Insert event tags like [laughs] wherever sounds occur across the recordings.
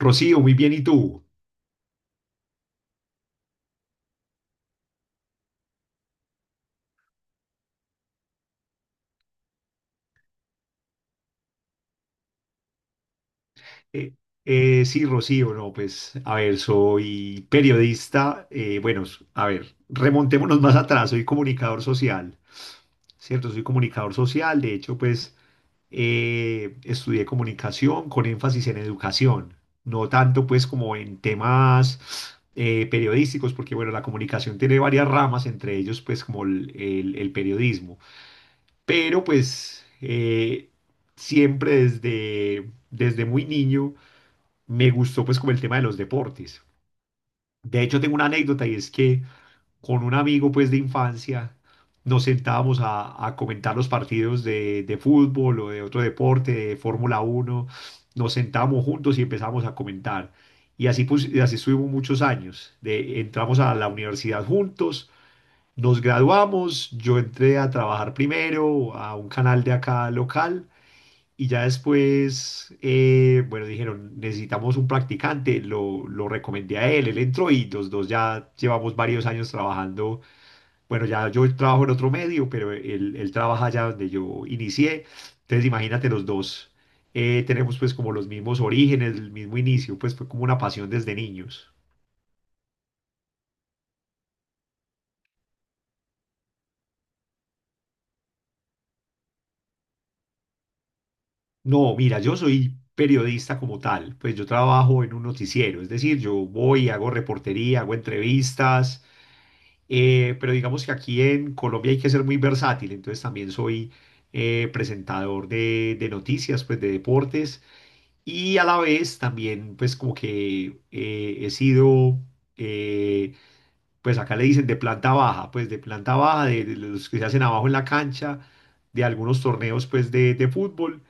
Rocío, muy bien, ¿y tú? Eh, sí, Rocío, no, pues, a ver, soy periodista, bueno, a ver, remontémonos más atrás, soy comunicador social, ¿cierto? Soy comunicador social, de hecho, pues, estudié comunicación con énfasis en educación, no tanto, pues, como en temas periodísticos, porque, bueno, la comunicación tiene varias ramas, entre ellos, pues, como el periodismo. Pero pues siempre desde muy niño me gustó pues como el tema de los deportes. De hecho tengo una anécdota y es que con un amigo pues de infancia nos sentábamos a comentar los partidos de fútbol o de otro deporte, de Fórmula uno, nos sentábamos juntos y empezamos a comentar. Y así, pues, y así estuvimos muchos años. De, entramos a la universidad juntos, nos graduamos, yo entré a trabajar primero a un canal de acá local y ya después, bueno, dijeron, necesitamos un practicante, lo recomendé a él, él entró y los dos ya llevamos varios años trabajando. Bueno, ya yo trabajo en otro medio, pero él trabaja allá donde yo inicié. Entonces, imagínate los dos. Tenemos pues como los mismos orígenes, el mismo inicio, pues fue como una pasión desde niños. No, mira, yo soy periodista como tal, pues yo trabajo en un noticiero, es decir, yo voy, hago reportería, hago entrevistas, pero digamos que aquí en Colombia hay que ser muy versátil, entonces también soy presentador de noticias, pues de deportes, y a la vez también pues como que he sido... eh, pues acá le dicen de planta baja, pues de planta baja, de los que se hacen abajo en la cancha, de algunos torneos pues de fútbol,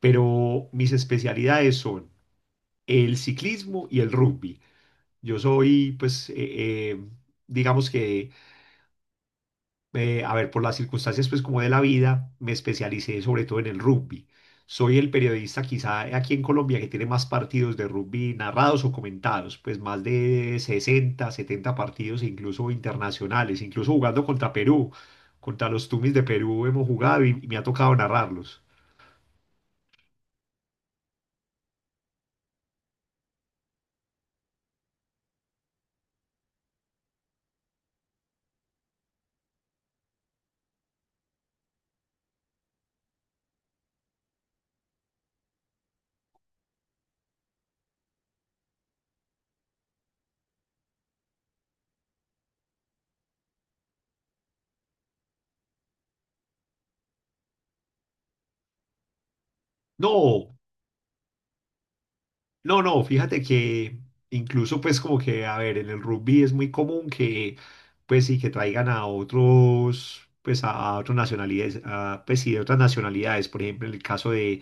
pero mis especialidades son el ciclismo y el rugby. Yo soy pues, eh, digamos que a ver, por las circunstancias pues como de la vida, me especialicé sobre todo en el rugby. Soy el periodista quizá aquí en Colombia que tiene más partidos de rugby narrados o comentados, pues más de 60, 70 partidos e incluso internacionales, incluso jugando contra Perú, contra los Tumis de Perú hemos jugado y me ha tocado narrarlos. No, no, fíjate que incluso pues como que, a ver, en el rugby es muy común que pues sí, que traigan a otros, pues a otras nacionalidades, a, pues sí, de otras nacionalidades, por ejemplo, en el caso de, en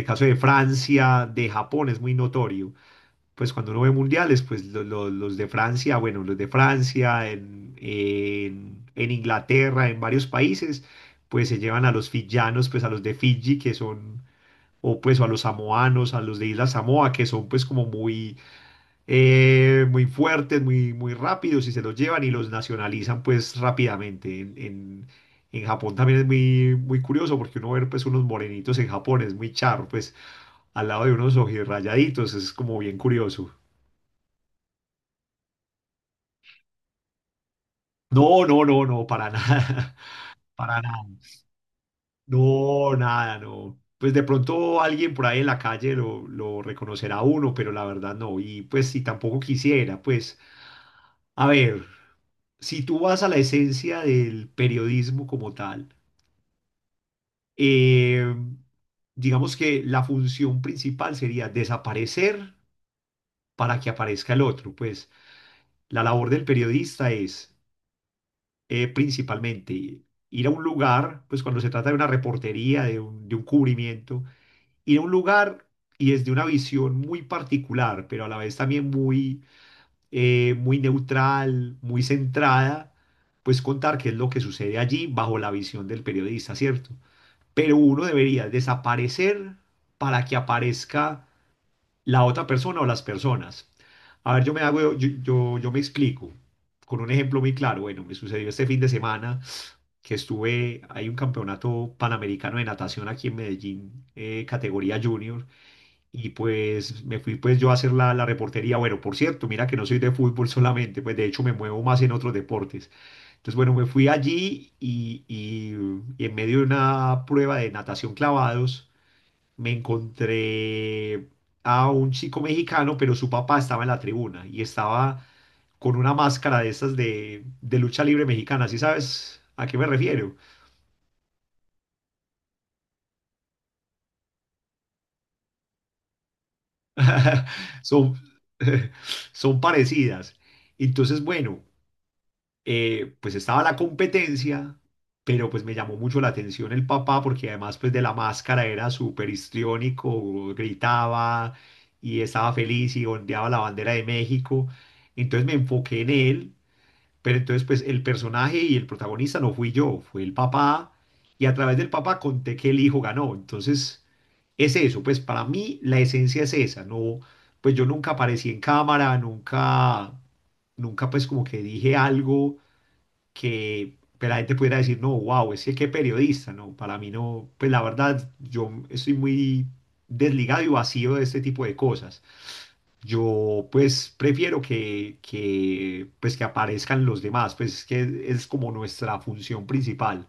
el caso de Francia, de Japón es muy notorio. Pues cuando uno ve mundiales, pues los de Francia, bueno, los de Francia, en Inglaterra, en varios países, pues se llevan a los fiyanos, pues a los de Fiji, que son o pues o a los samoanos, a los de Isla Samoa, que son pues como muy, muy fuertes, muy rápidos y se los llevan y los nacionalizan pues rápidamente. En Japón también es muy, muy curioso porque uno ver pues unos morenitos en Japón es muy charro, pues al lado de unos ojirrayaditos, es como bien curioso. No, no, no, no, para nada, [laughs] para nada. No, nada, no. Pues de pronto alguien por ahí en la calle lo reconocerá a uno, pero la verdad no. Y pues si tampoco quisiera, pues a ver, si tú vas a la esencia del periodismo como tal, eh, digamos que la función principal sería desaparecer para que aparezca el otro. Pues la labor del periodista es principalmente ir a un lugar, pues cuando se trata de una reportería, de un cubrimiento, ir a un lugar y desde una visión muy particular, pero a la vez también muy, muy neutral, muy centrada, pues contar qué es lo que sucede allí bajo la visión del periodista, ¿cierto? Pero uno debería desaparecer para que aparezca la otra persona o las personas. A ver, yo me hago, yo me explico con un ejemplo muy claro. Bueno, me sucedió este fin de semana que estuve, hay un campeonato panamericano de natación aquí en Medellín, categoría junior, y pues me fui pues yo a hacer la reportería. Bueno, por cierto, mira que no soy de fútbol [laughs] solamente, pues de hecho me muevo más en otros deportes. Entonces, bueno, me fui allí y en medio de una prueba de natación clavados me encontré a un chico mexicano, pero su papá estaba en la tribuna y estaba con una máscara de estas de lucha libre mexicana. ¿Sí sabes a qué me refiero? [laughs] Son, [laughs] son parecidas. Entonces, bueno. Pues estaba la competencia, pero pues me llamó mucho la atención el papá porque además pues de la máscara era súper histriónico, gritaba y estaba feliz y ondeaba la bandera de México. Entonces me enfoqué en él, pero entonces pues el personaje y el protagonista no fui yo, fue el papá y a través del papá conté que el hijo ganó. Entonces es eso, pues para mí la esencia es esa, no, pues yo nunca aparecí en cámara, nunca, nunca pues como que dije algo que pues, la gente pudiera decir, no, wow, es que qué periodista, ¿no? Para mí no, pues la verdad, yo estoy muy desligado y vacío de este tipo de cosas. Yo pues prefiero pues, que aparezcan los demás, pues es que es como nuestra función principal.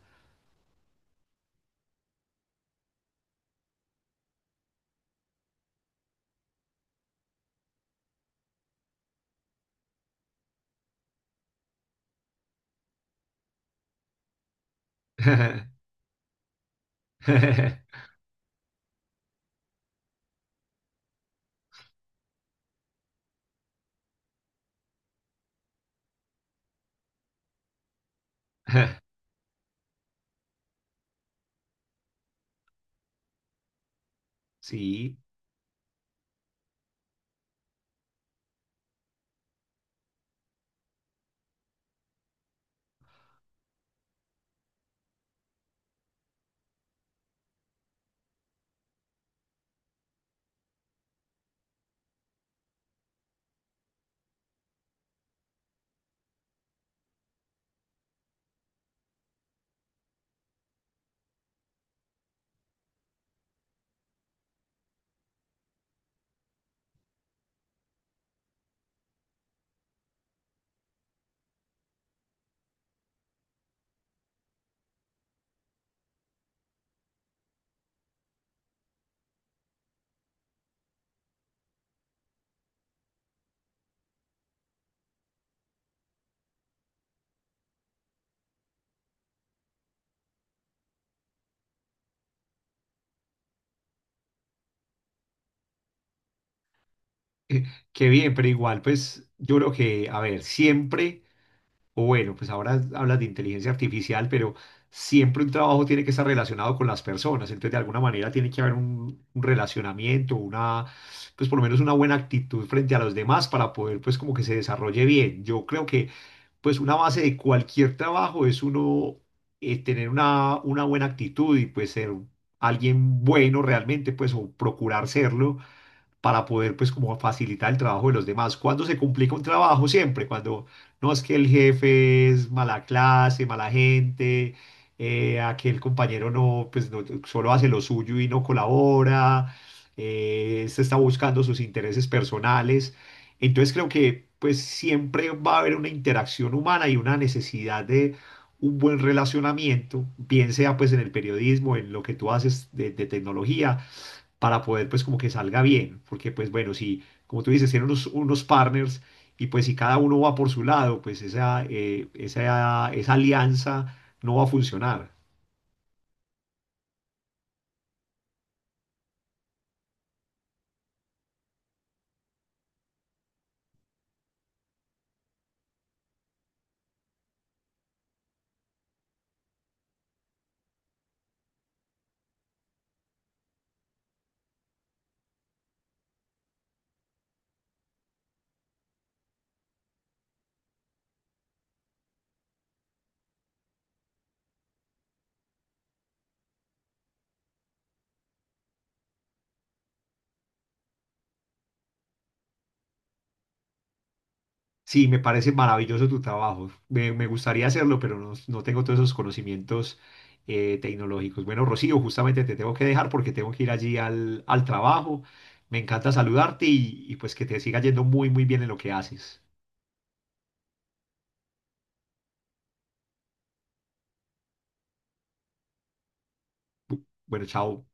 [laughs] Sí, eh, qué bien, pero igual, pues yo creo que, a ver, siempre. O bueno, pues ahora hablas de inteligencia artificial, pero siempre un trabajo tiene que estar relacionado con las personas. Entonces, de alguna manera tiene que haber un relacionamiento, una, pues por lo menos una buena actitud frente a los demás para poder, pues como que se desarrolle bien. Yo creo que, pues una base de cualquier trabajo es uno tener una buena actitud y pues ser alguien bueno realmente, pues o procurar serlo para poder pues como facilitar el trabajo de los demás. ¿Cuando se complica un trabajo? Siempre, cuando no es que el jefe es mala clase, mala gente, aquel compañero no, pues no, solo hace lo suyo y no colabora, este está buscando sus intereses personales. Entonces creo que pues siempre va a haber una interacción humana y una necesidad de un buen relacionamiento, bien sea pues en el periodismo, en lo que tú haces de tecnología para poder pues como que salga bien, porque pues bueno, si como tú dices, tienen unos partners y pues si cada uno va por su lado, pues esa, esa alianza no va a funcionar. Sí, me parece maravilloso tu trabajo. Me gustaría hacerlo, pero no, no tengo todos esos conocimientos tecnológicos. Bueno, Rocío, justamente te tengo que dejar porque tengo que ir allí al trabajo. Me encanta saludarte y pues que te siga yendo muy, muy bien en lo que haces. Bueno, chao.